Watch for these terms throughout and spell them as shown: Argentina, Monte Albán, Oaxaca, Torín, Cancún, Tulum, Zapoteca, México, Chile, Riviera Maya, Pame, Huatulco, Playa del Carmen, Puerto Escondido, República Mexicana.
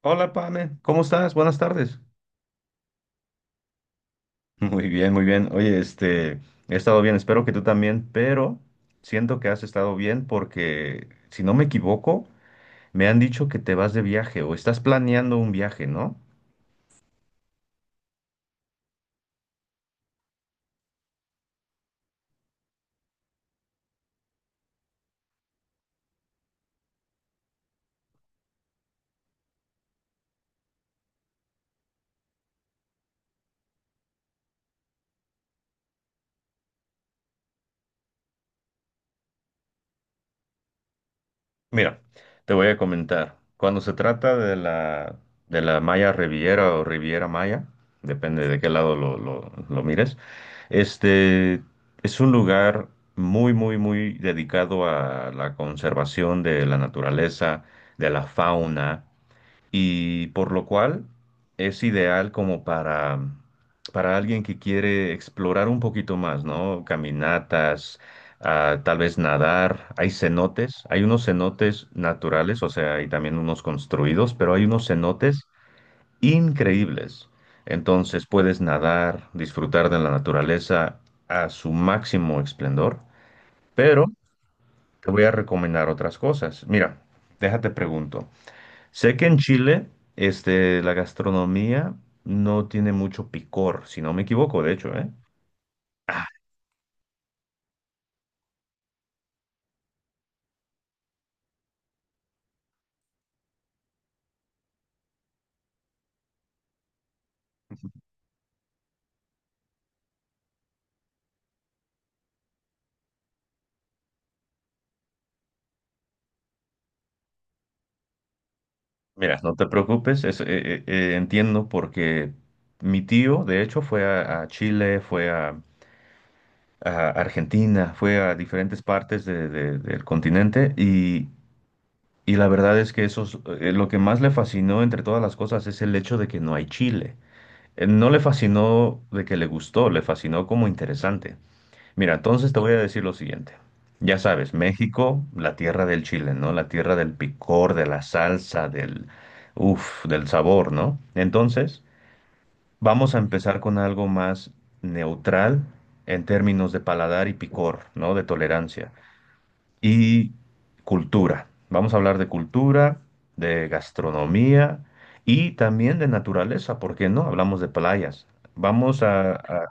Hola, Pame, ¿cómo estás? Buenas tardes. Muy bien, muy bien. Oye, he estado bien, espero que tú también, pero siento que has estado bien porque, si no me equivoco, me han dicho que te vas de viaje o estás planeando un viaje, ¿no? Mira, te voy a comentar. Cuando se trata de la Maya Riviera o Riviera Maya, depende de qué lado lo mires, este es un lugar muy, muy, muy dedicado a la conservación de la naturaleza, de la fauna y por lo cual es ideal como para alguien que quiere explorar un poquito más, ¿no? Caminatas, tal vez nadar, hay cenotes, hay unos cenotes naturales, o sea, hay también unos construidos, pero hay unos cenotes increíbles. Entonces puedes nadar, disfrutar de la naturaleza a su máximo esplendor, pero te voy a recomendar otras cosas. Mira, déjate pregunto. Sé que en Chile, la gastronomía no tiene mucho picor, si no me equivoco, de hecho, ¿eh? Mira, no te preocupes, entiendo porque mi tío, de hecho, fue a Chile, fue a Argentina, fue a diferentes partes del continente y la verdad es que lo que más le fascinó entre todas las cosas es el hecho de que no hay chile. No le fascinó de que le gustó, le fascinó como interesante. Mira, entonces te voy a decir lo siguiente. Ya sabes, México, la tierra del chile, ¿no? La tierra del picor, de la salsa, uf, del sabor, ¿no? Entonces, vamos a empezar con algo más neutral en términos de paladar y picor, ¿no? De tolerancia. Y cultura. Vamos a hablar de cultura, de gastronomía y también de naturaleza, ¿por qué no? Hablamos de playas. Vamos a, a-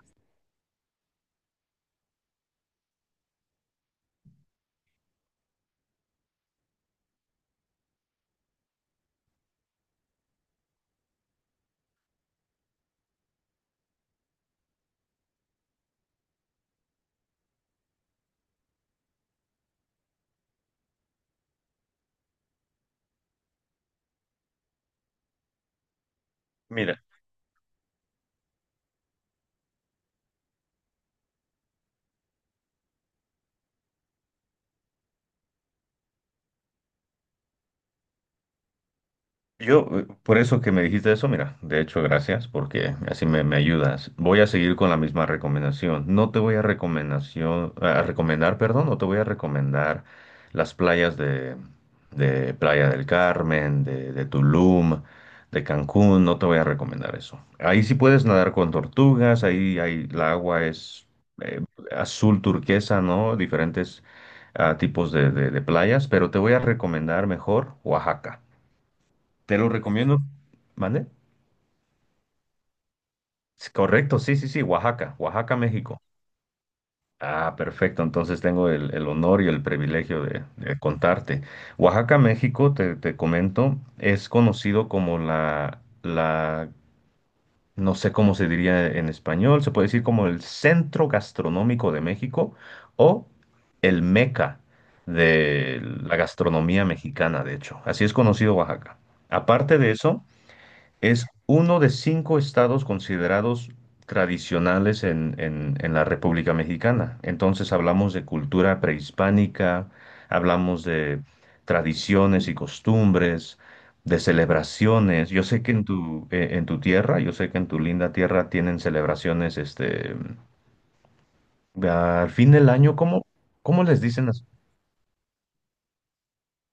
Mira, por eso que me dijiste eso, mira, de hecho, gracias, porque me ayudas. Voy a seguir con la misma recomendación. No te voy a recomendación, a recomendar, perdón, no te voy a recomendar las playas de Playa del Carmen, de Tulum, de Cancún, no te voy a recomendar eso. Ahí sí puedes nadar con tortugas, ahí la agua es eh, azul turquesa, ¿no? Diferentes tipos de playas, pero te voy a recomendar mejor Oaxaca. Te lo recomiendo. ¿Mande? Sí, correcto, sí, sí, sí, Oaxaca, Oaxaca, México. Ah, perfecto, entonces tengo el honor y el privilegio de contarte. Oaxaca, México, te comento, es conocido como no sé cómo se diría en español, se puede decir como el centro gastronómico de México o el meca de la gastronomía mexicana, de hecho. Así es conocido Oaxaca. Aparte de eso, es uno de cinco estados considerados tradicionales en la República Mexicana. Entonces hablamos de cultura prehispánica, hablamos de tradiciones y costumbres, de celebraciones. Yo sé que en en tu tierra, yo sé que en tu linda tierra tienen celebraciones, al fin del año, ¿cómo les dicen las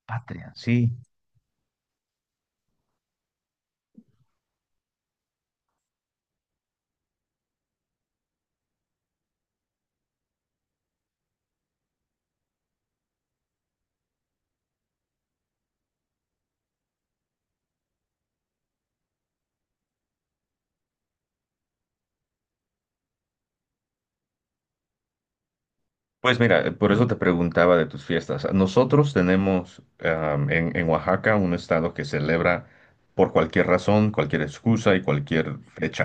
patrias? Sí. Pues mira, por eso te preguntaba de tus fiestas. Nosotros tenemos en Oaxaca un estado que celebra por cualquier razón, cualquier excusa y cualquier fecha.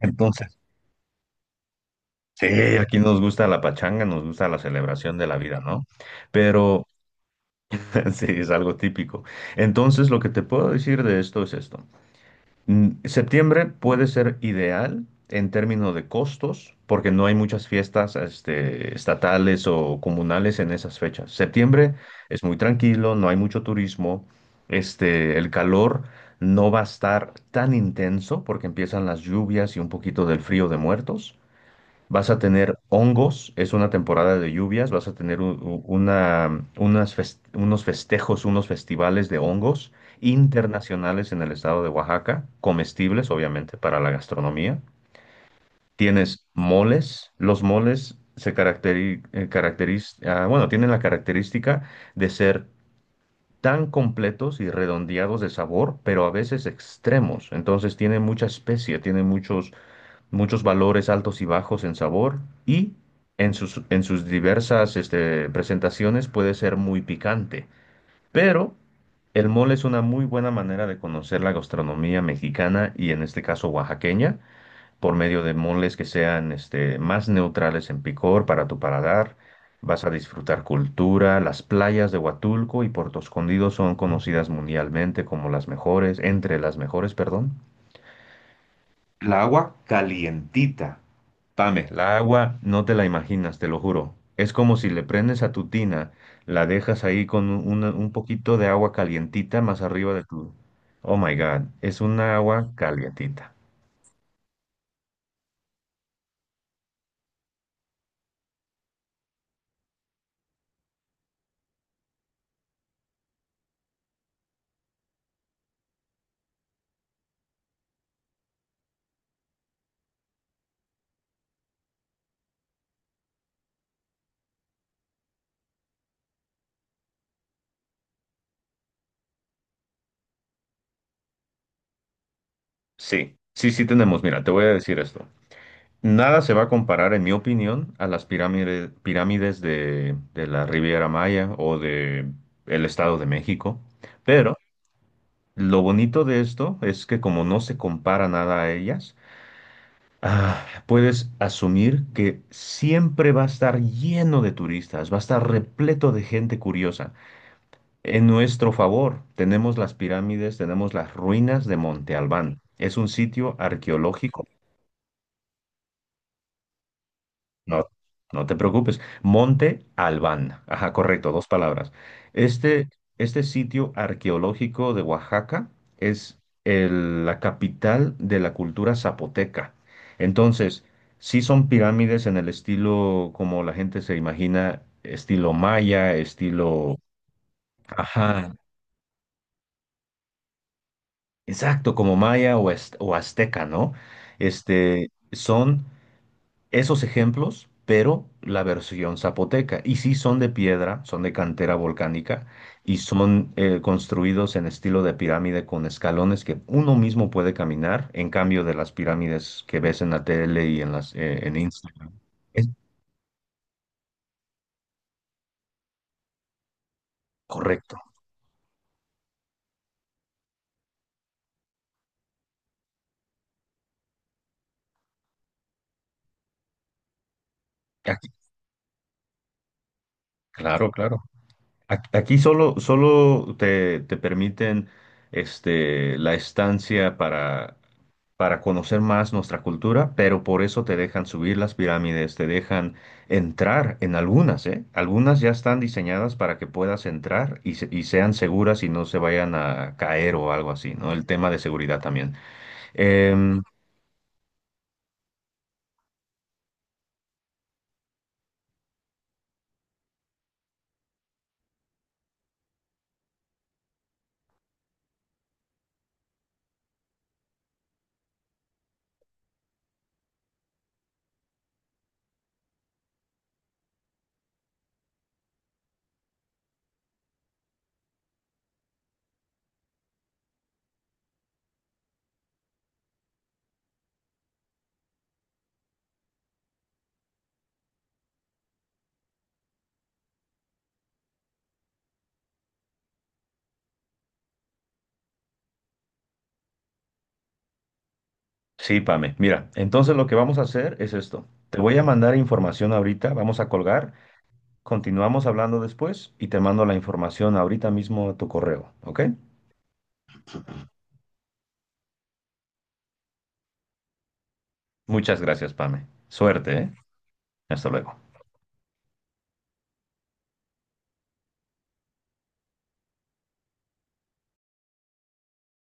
Entonces, sí, aquí nos gusta la pachanga, nos gusta la celebración de la vida, ¿no? Pero sí, es algo típico. Entonces, lo que te puedo decir de esto es esto. Septiembre puede ser ideal en términos de costos, porque no hay muchas fiestas, estatales o comunales en esas fechas. Septiembre es muy tranquilo, no hay mucho turismo, el calor no va a estar tan intenso porque empiezan las lluvias y un poquito del frío de muertos. Vas a tener hongos, es una temporada de lluvias, vas a tener unos festejos, unos festivales de hongos internacionales en el estado de Oaxaca, comestibles obviamente para la gastronomía. Tienes moles, los moles se caracteri- caracteriz- ah, bueno, tienen la característica de ser tan completos y redondeados de sabor, pero a veces extremos. Entonces tienen mucha especia, tienen muchos valores altos y bajos en sabor y en en sus diversas presentaciones puede ser muy picante. Pero el mole es una muy buena manera de conocer la gastronomía mexicana y en este caso oaxaqueña por medio de moles que sean más neutrales en picor para tu paladar. Vas a disfrutar cultura, las playas de Huatulco y Puerto Escondido son conocidas mundialmente como las mejores, entre las mejores, perdón. La agua calientita. Pame, la agua no te la imaginas, te lo juro. Es como si le prendes a tu tina, la dejas ahí con un poquito de agua calientita más arriba de tu... Oh my God, es una agua calientita. Sí, sí, sí tenemos. Mira, te voy a decir esto. Nada se va a comparar, en mi opinión, a las pirámides, pirámides de la Riviera Maya o de el Estado de México. Pero lo bonito de esto es que como no se compara nada a ellas, puedes asumir que siempre va a estar lleno de turistas, va a estar repleto de gente curiosa. En nuestro favor, tenemos las pirámides, tenemos las ruinas de Monte Albán. Es un sitio arqueológico. No, no te preocupes. Monte Albán. Ajá, correcto, dos palabras. Este, este sitio arqueológico de Oaxaca es la capital de la cultura zapoteca. Entonces, sí son pirámides en el estilo como la gente se imagina, estilo maya, estilo... Ajá, exacto, como maya o azteca, ¿no? Son esos ejemplos, pero la versión zapoteca. Y sí son de piedra, son de cantera volcánica y son construidos en estilo de pirámide con escalones que uno mismo puede caminar, en cambio de las pirámides que ves en la tele y en las en Instagram. Es correcto. Aquí- claro, claro. Aquí solo te permiten la estancia para conocer más nuestra cultura, pero por eso te dejan subir las pirámides, te dejan entrar en algunas, ¿eh? Algunas ya están diseñadas para que puedas entrar y sean seguras y no se vayan a caer o algo así, ¿no? El tema de seguridad también. Em, sí, Pame, mira, entonces lo que vamos a hacer es esto. Te voy a mandar información ahorita, vamos a colgar. Continuamos hablando después y te mando la información ahorita mismo a tu correo, ¿ok? Muchas gracias, Pame. Suerte, ¿eh? Hasta luego.